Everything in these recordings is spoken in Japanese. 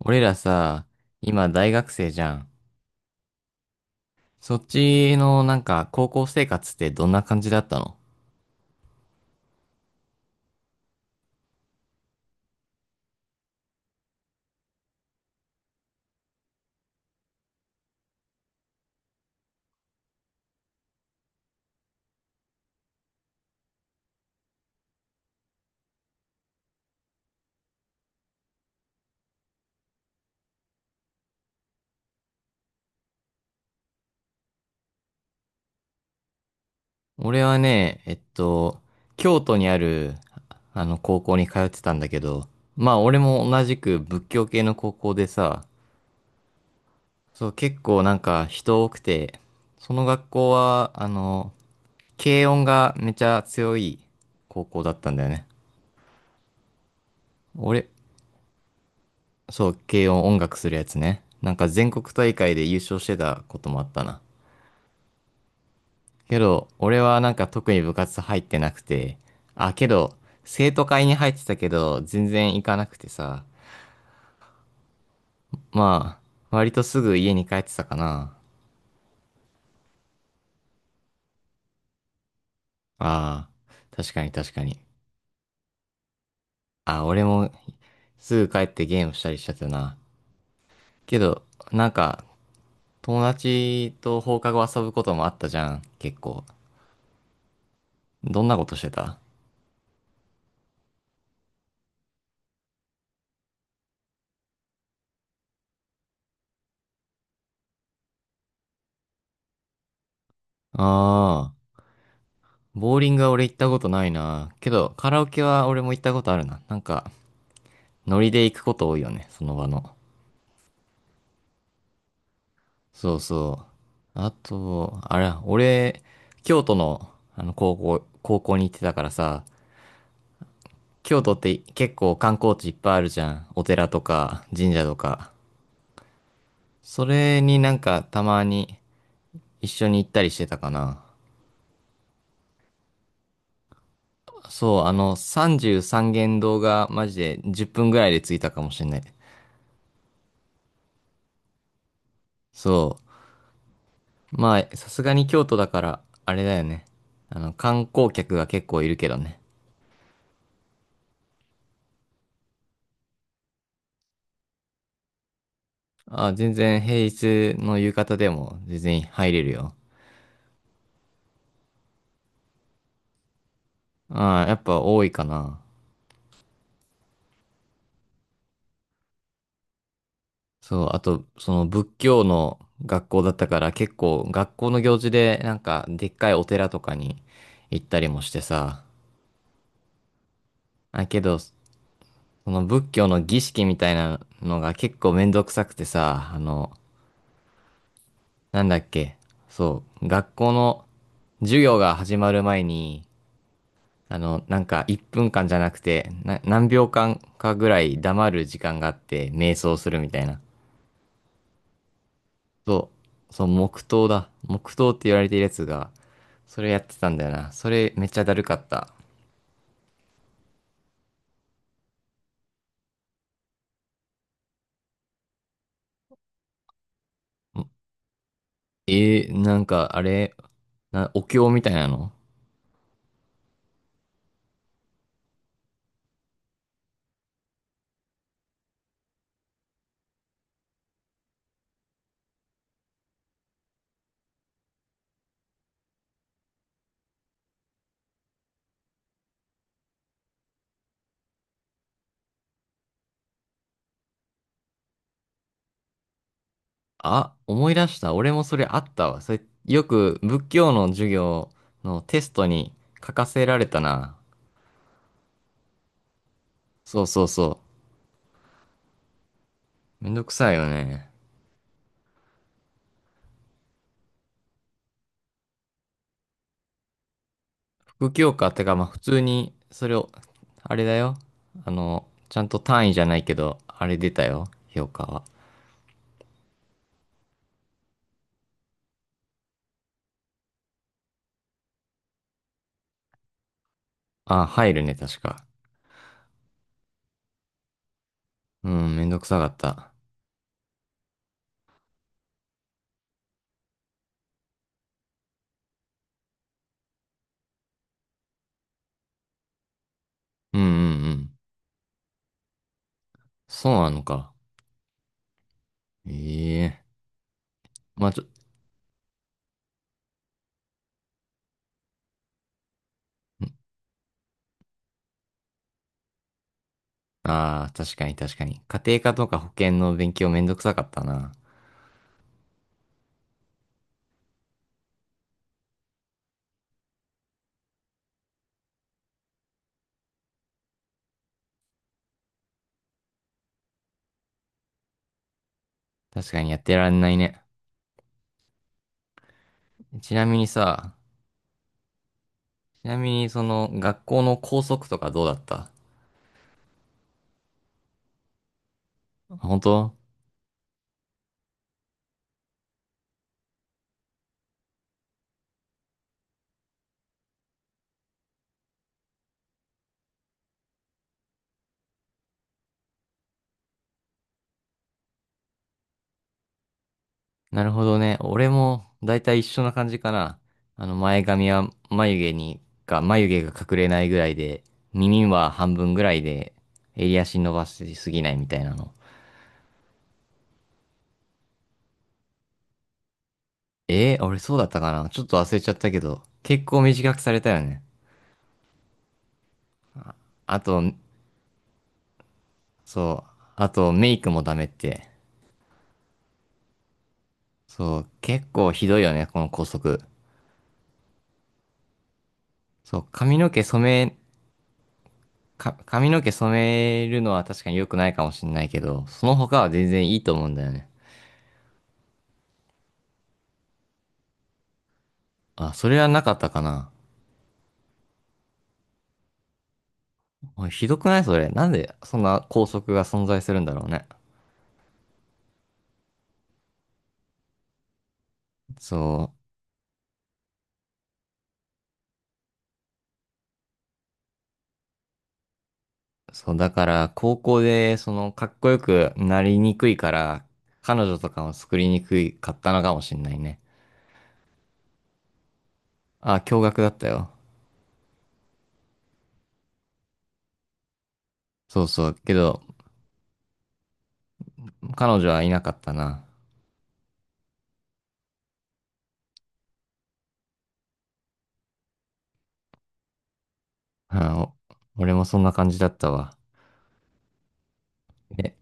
俺らさ、今大学生じゃん。そっちのなんか高校生活ってどんな感じだったの？俺はね、京都にある、あの高校に通ってたんだけど、まあ俺も同じく仏教系の高校でさ。そう、結構なんか人多くて、その学校は、軽音がめちゃ強い高校だったんだよね。俺、そう、軽音音楽するやつね。なんか全国大会で優勝してたこともあったな。けど、俺はなんか特に部活入ってなくて、あ、けど、生徒会に入ってたけど、全然行かなくてさ、まあ、割とすぐ家に帰ってたかな。ああ、確かに確かに。あ、俺もすぐ帰ってゲームしたりしちゃったな。けど、なんか、友達と放課後遊ぶこともあったじゃん、結構。どんなことしてた？ああー、ボーリングは俺行ったことないな。けど、カラオケは俺も行ったことあるな。なんか、ノリで行くこと多いよね、その場の。そうそう。あと、あれ、俺、京都の、高校に行ってたからさ、京都って結構観光地いっぱいあるじゃん。お寺とか、神社とか。それになんかたまに一緒に行ったりしてたかな。そう、あの、33軒堂がマジで10分ぐらいで着いたかもしれない。そう。まあ、さすがに京都だから、あれだよね。観光客が結構いるけどね。あ、全然平日の夕方でも全然入れるよ。ああ、やっぱ多いかな。そう、あと、その仏教の学校だったから結構学校の行事でなんかでっかいお寺とかに行ったりもしてさ。あ、けど、その仏教の儀式みたいなのが結構めんどくさくてさ、なんだっけ。そう、学校の授業が始まる前に、なんか1分間じゃなくて、何秒間かぐらい黙る時間があって瞑想するみたいな。そう、そう、黙祷だ。黙祷って言われているやつが、それやってたんだよな。それめっちゃだるかった。んなんかあれ、お経みたいなの。あ、思い出した。俺もそれあったわ。それ、よく仏教の授業のテストに書かせられたな。そうそうそう。めんどくさいよね。不教科ってか、まあ普通に、それを、あれだよ。ちゃんと単位じゃないけど、あれ出たよ。評価は。あ、入るね、確か。うん、めんどくさかった。うんうんうん。そうなのか。ええまあああー、確かに確かに。家庭科とか保険の勉強めんどくさかったな。確かにやってられないね。ちなみにさ、ちなみにその学校の校則とかどうだった？本当？なるほどね。俺もだいたい一緒な感じかな。あの前髪は眉毛が隠れないぐらいで、耳は半分ぐらいで、襟足伸ばしすぎないみたいなの。俺そうだったかなちょっと忘れちゃったけど、結構短くされたよね。あと、そう、あとメイクもダメって。そう、結構ひどいよね、この校則。そう、髪の毛染めるのは確かに良くないかもしれないけど、その他は全然いいと思うんだよね。あ、それはなかったかな。おいひどくないそれ？なんでそんな校則が存在するんだろうね。そう。そう、だから、高校で、かっこよくなりにくいから、彼女とかを作りにくいかったのかもしんないね。あ、驚愕だったよ。そうそう。けど、彼女はいなかったな。あお俺もそんな感じだったわ。え、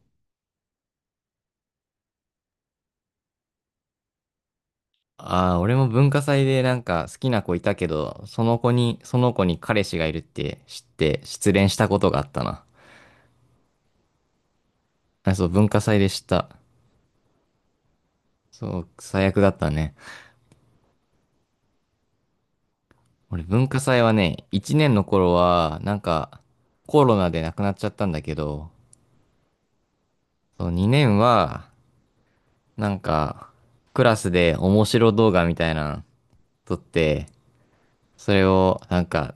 あー、俺も文化祭でなんか好きな子いたけど、その子に彼氏がいるって知って、失恋したことがあったな。あ、そう、文化祭でした。そう、最悪だったね。俺、文化祭はね、1年の頃は、なんか、コロナで亡くなっちゃったんだけど、そう2年は、なんか、クラスで面白動画みたいなの撮って、それを、なんか、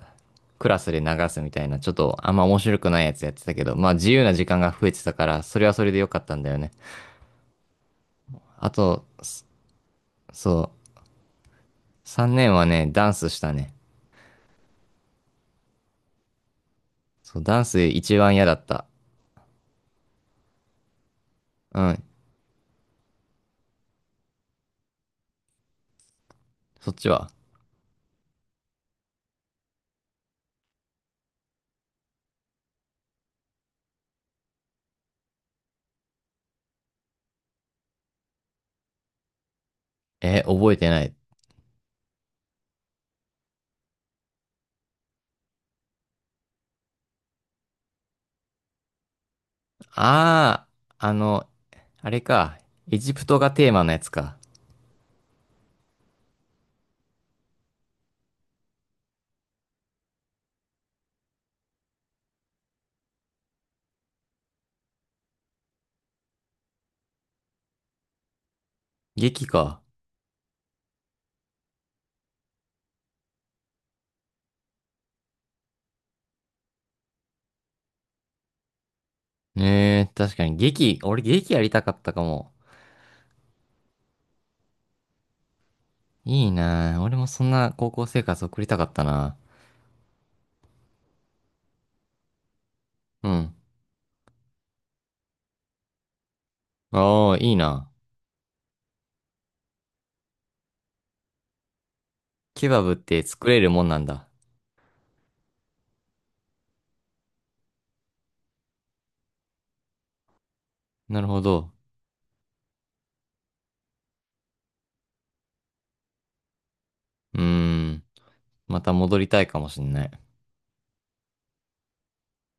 クラスで流すみたいな、ちょっと、あんま面白くないやつやってたけど、まあ、自由な時間が増えてたから、それはそれで良かったんだよね。あと、そう、3年はね、ダンスしたね。そう、ダンス一番嫌だった。うん。そっちは？覚えてない。ああ、あれか。エジプトがテーマのやつか。劇か。ねえ、確かに劇、俺劇やりたかったかも。いいなあ俺もそんな高校生活送りたかったな。うん。ああ、いいな。ケバブって作れるもんなんだ。なるほど。うーん。また戻りたいかもしんない。